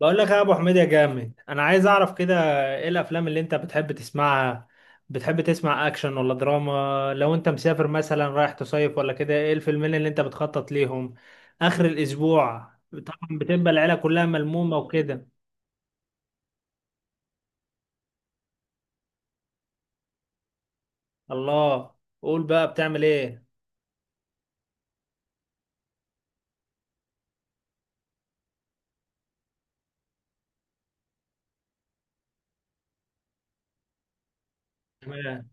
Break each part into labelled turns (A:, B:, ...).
A: بقول لك يا ابو حميد يا جامد، انا عايز اعرف كده ايه الافلام اللي انت بتحب تسمعها. بتحب تسمع اكشن ولا دراما؟ لو انت مسافر مثلا رايح تصيف ولا كده، ايه الفيلمين اللي انت بتخطط ليهم اخر الاسبوع؟ طبعا بتبقى العيله كلها ملمومه وكده. الله، قول بقى بتعمل ايه. تمام.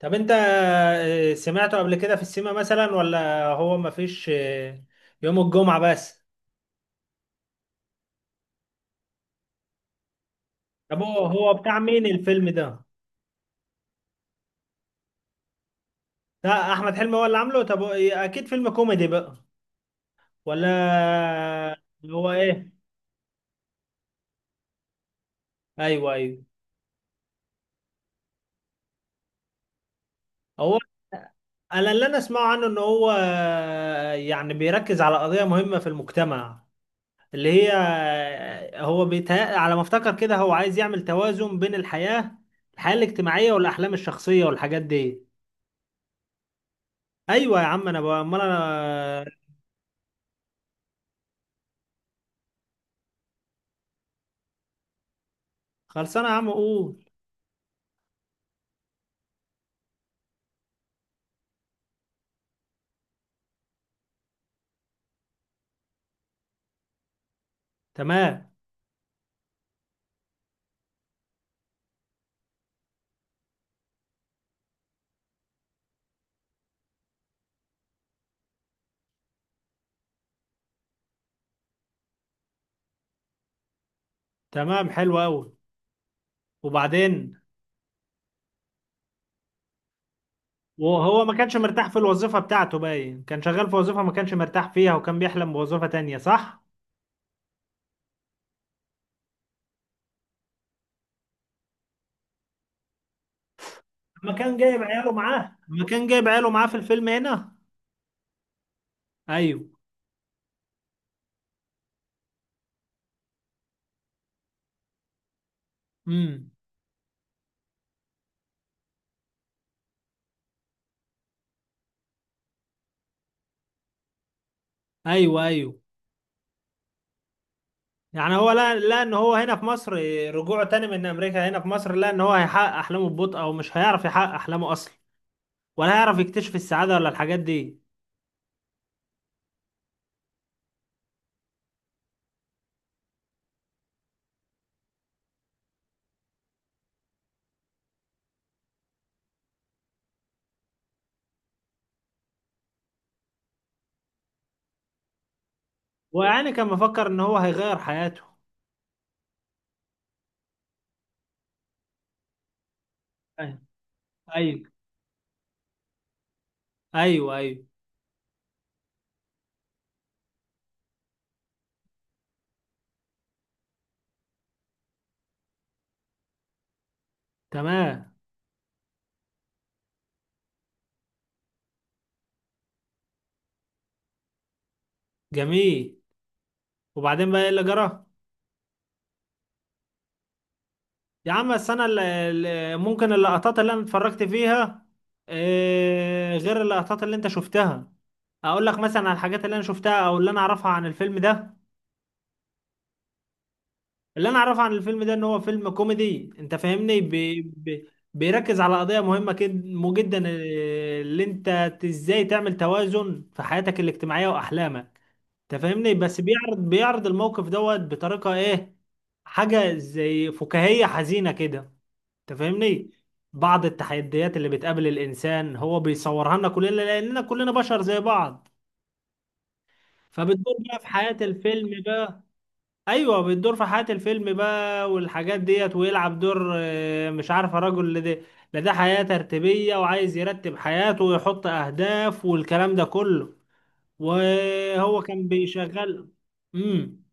A: طب انت سمعته قبل كده في السينما مثلا ولا هو مفيش، يوم الجمعه بس؟ طب هو بتاع مين الفيلم ده؟ لا، احمد حلمي هو اللي عامله. طب هو اكيد فيلم كوميدي بقى ولا؟ هو ايه؟ ايوه، ايوه. هو انا اللي انا اسمعه عنه ان هو يعني بيركز على قضية مهمة في المجتمع، اللي هي هو بيتهيأ على ما افتكر كده هو عايز يعمل توازن بين الحياة الاجتماعية والاحلام الشخصية والحاجات دي. ايوه يا عم انا بقى، امال انا. خلصانه يا عم قول. تمام. تمام، حلو قوي. وبعدين. وهو ما كانش مرتاح في الوظيفة بتاعته، باين كان شغال في وظيفة ما كانش مرتاح فيها، وكان بيحلم بوظيفة تانية صح؟ ما كان جايب عياله معاه، ما كان جايب عياله معاه في الفيلم هنا؟ ايوه. امم. ايوه، ايوه. يعني هو، لا لا، ان هو هنا في مصر، رجوعه تاني من امريكا هنا في مصر، لا ان هو هيحقق احلامه ببطء او مش هيعرف يحقق احلامه اصلا، ولا هيعرف يكتشف السعادة ولا الحاجات دي. ويعني كان مفكر ان هو هيغير حياته. ايوه ايوه ايوه ايوه. تمام، جميل. وبعدين بقى ايه اللي جرى؟ يا عم بس انا ممكن اللقطات اللي انا اتفرجت فيها، غير اللقطات اللي انت شفتها. اقول لك مثلا على الحاجات اللي انا شفتها او اللي انا اعرفها عن الفيلم ده. اللي انا اعرفه عن الفيلم ده ان هو فيلم كوميدي، انت فاهمني. بي بي بيركز على قضية مهمة مو جدا، اللي انت ازاي تعمل توازن في حياتك الاجتماعية واحلامك. انت فاهمني. بس بيعرض الموقف دوت بطريقة ايه؟ حاجة زي فكاهية حزينة كده، انت فاهمني. بعض التحديات اللي بتقابل الانسان هو بيصورها لنا كلنا، لاننا كلنا بشر زي بعض. فبتدور بقى في حياة الفيلم بقى. ايوه، بتدور في حياة الفيلم بقى والحاجات ديت، ويلعب دور، مش عارفه رجل، لا ده، لا ده حياة ترتيبية وعايز يرتب حياته ويحط اهداف والكلام ده كله. وهو كان بيشغل. امم.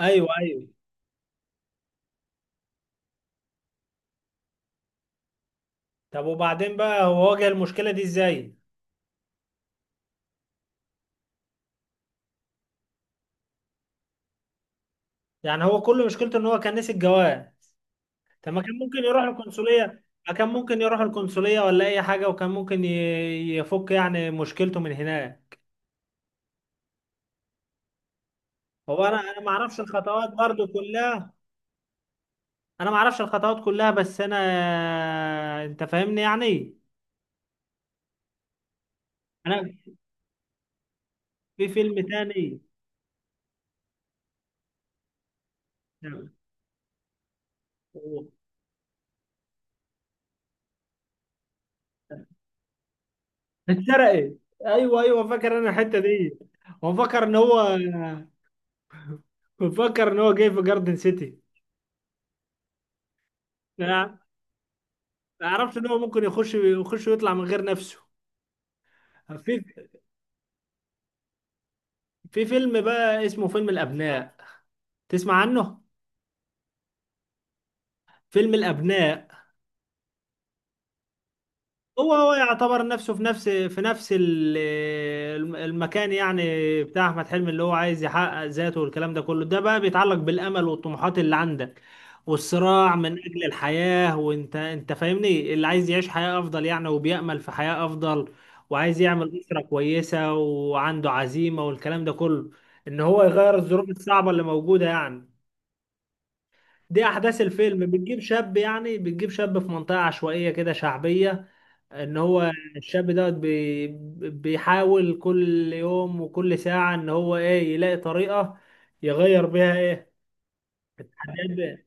A: ايوه، ايوه. طب وبعدين بقى هو واجه المشكلة دي ازاي؟ يعني هو كل مشكلته ان هو كان نسي الجواز. طب ما كان ممكن يروح القنصلية، ما كان ممكن يروح القنصلية ولا أي حاجة وكان ممكن يفك يعني مشكلته من هناك. هو أنا ما أعرفش الخطوات برضو كلها. أنا ما أعرفش الخطوات كلها بس أنا، أنت فاهمني يعني. أنا في فيلم تاني. اتسرقت. أيوه أيوه، فاكر أنا الحتة دي. وفكر إن هو. وفكر إن هو جاي في جاردن سيتي. أنا ما أعرفش إن هو ممكن يخش ويطلع من غير نفسه. في في فيلم بقى اسمه فيلم الأبناء، تسمع عنه؟ فيلم الأبناء. هو يعتبر نفسه في نفس المكان يعني، بتاع أحمد حلمي، اللي هو عايز يحقق ذاته والكلام ده كله. ده بقى بيتعلق بالأمل والطموحات اللي عندك والصراع من أجل الحياة، وأنت فاهمني، اللي عايز يعيش حياة أفضل يعني، وبيأمل في حياة أفضل، وعايز يعمل أسرة كويسة وعنده عزيمة والكلام ده كله، إن هو يغير الظروف الصعبة اللي موجودة يعني. دي احداث الفيلم. بتجيب شاب يعني، بتجيب شاب في منطقة عشوائية كده شعبية، ان هو الشاب دوت بي بيحاول كل يوم وكل ساعة ان هو ايه، يلاقي طريقة يغير بيها ايه، حاجات بقى.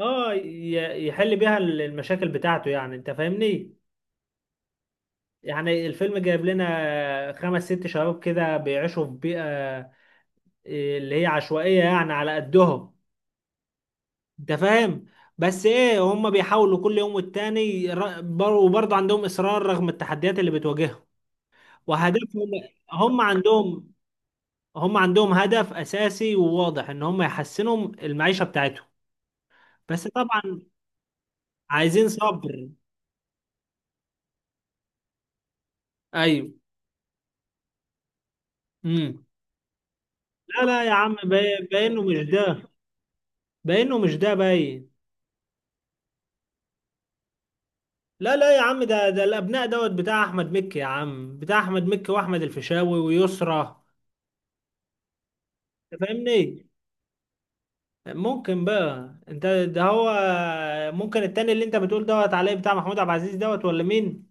A: اه، يحل بيها المشاكل بتاعته يعني، انت فاهمني. يعني الفيلم جايب لنا خمس ست شباب كده بيعيشوا في بيئة، اللي هي عشوائية يعني على قدهم، انت فاهم. بس ايه، هم بيحاولوا كل يوم والتاني وبرضه عندهم اصرار رغم التحديات اللي بتواجههم وهدفهم. هم عندهم هم عندهم هدف اساسي وواضح ان هم يحسنوا المعيشه بتاعتهم. بس طبعا عايزين صبر. ايوه. امم. لا لا يا عم، باينه مش ده، باينه مش ده، باين. لا لا يا عم، ده الابناء دوت بتاع احمد مكي يا عم، بتاع احمد مكي واحمد الفيشاوي ويسرى، انت فاهمني. ممكن بقى انت ده هو. ممكن التاني اللي انت بتقول دوت عليه بتاع محمود عبد العزيز دوت ولا مين؟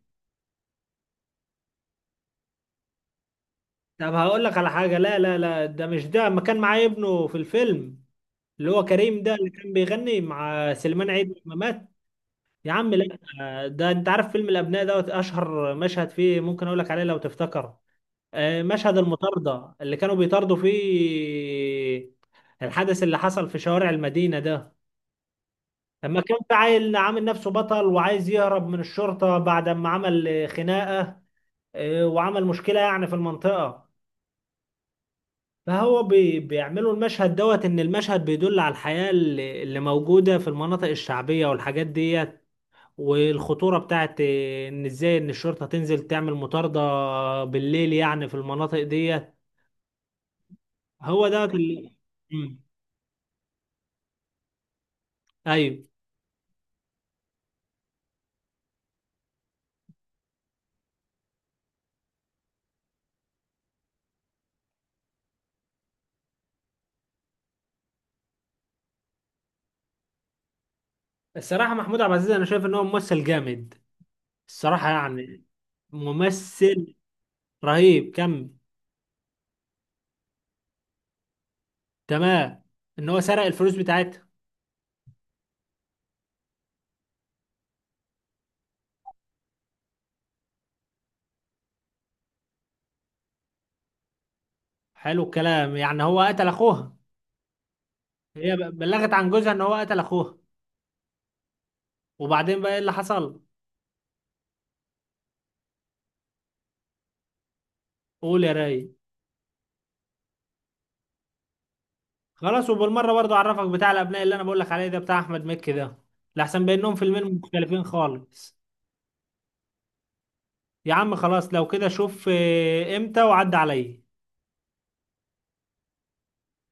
A: طب هقول لك على حاجة. لا لا لا ده مش ده. ما كان معاه ابنه في الفيلم، اللي هو كريم ده اللي كان بيغني مع سليمان عيد لما مات. يا عم لا. ده انت عارف فيلم الابناء دوت، اشهر مشهد فيه ممكن اقول لك عليه لو تفتكر. مشهد المطاردة اللي كانوا بيطاردوا فيه. الحدث اللي حصل في شوارع المدينة ده، لما كنت عيل عامل نفسه بطل وعايز يهرب من الشرطة بعد ما عمل خناقة، وعمل مشكلة يعني في المنطقة. فهو بي بيعملوا المشهد دوت، إن المشهد بيدل على الحياة اللي موجودة في المناطق الشعبية والحاجات ديت، والخطورة بتاعت، إن إزاي إن الشرطة تنزل تعمل مطاردة بالليل يعني في المناطق ديت. هو دوت اللي. مم. أيوه. الصراحة محمود عبد العزيز أنا شايف إن هو ممثل جامد، الصراحة يعني. ممثل رهيب. كمل. تمام، ان هو سرق الفلوس بتاعتها. حلو الكلام. يعني هو قتل اخوها. هي بلغت عن جوزها ان هو قتل اخوها. وبعدين بقى ايه اللي حصل؟ قول يا راي. خلاص، وبالمره برضو اعرفك بتاع الابناء اللي انا بقول لك عليه ده، بتاع احمد مكي ده، لحسن بينهم فيلمين مختلفين خالص. يا عم خلاص، لو كده شوف امتى وعد عليا.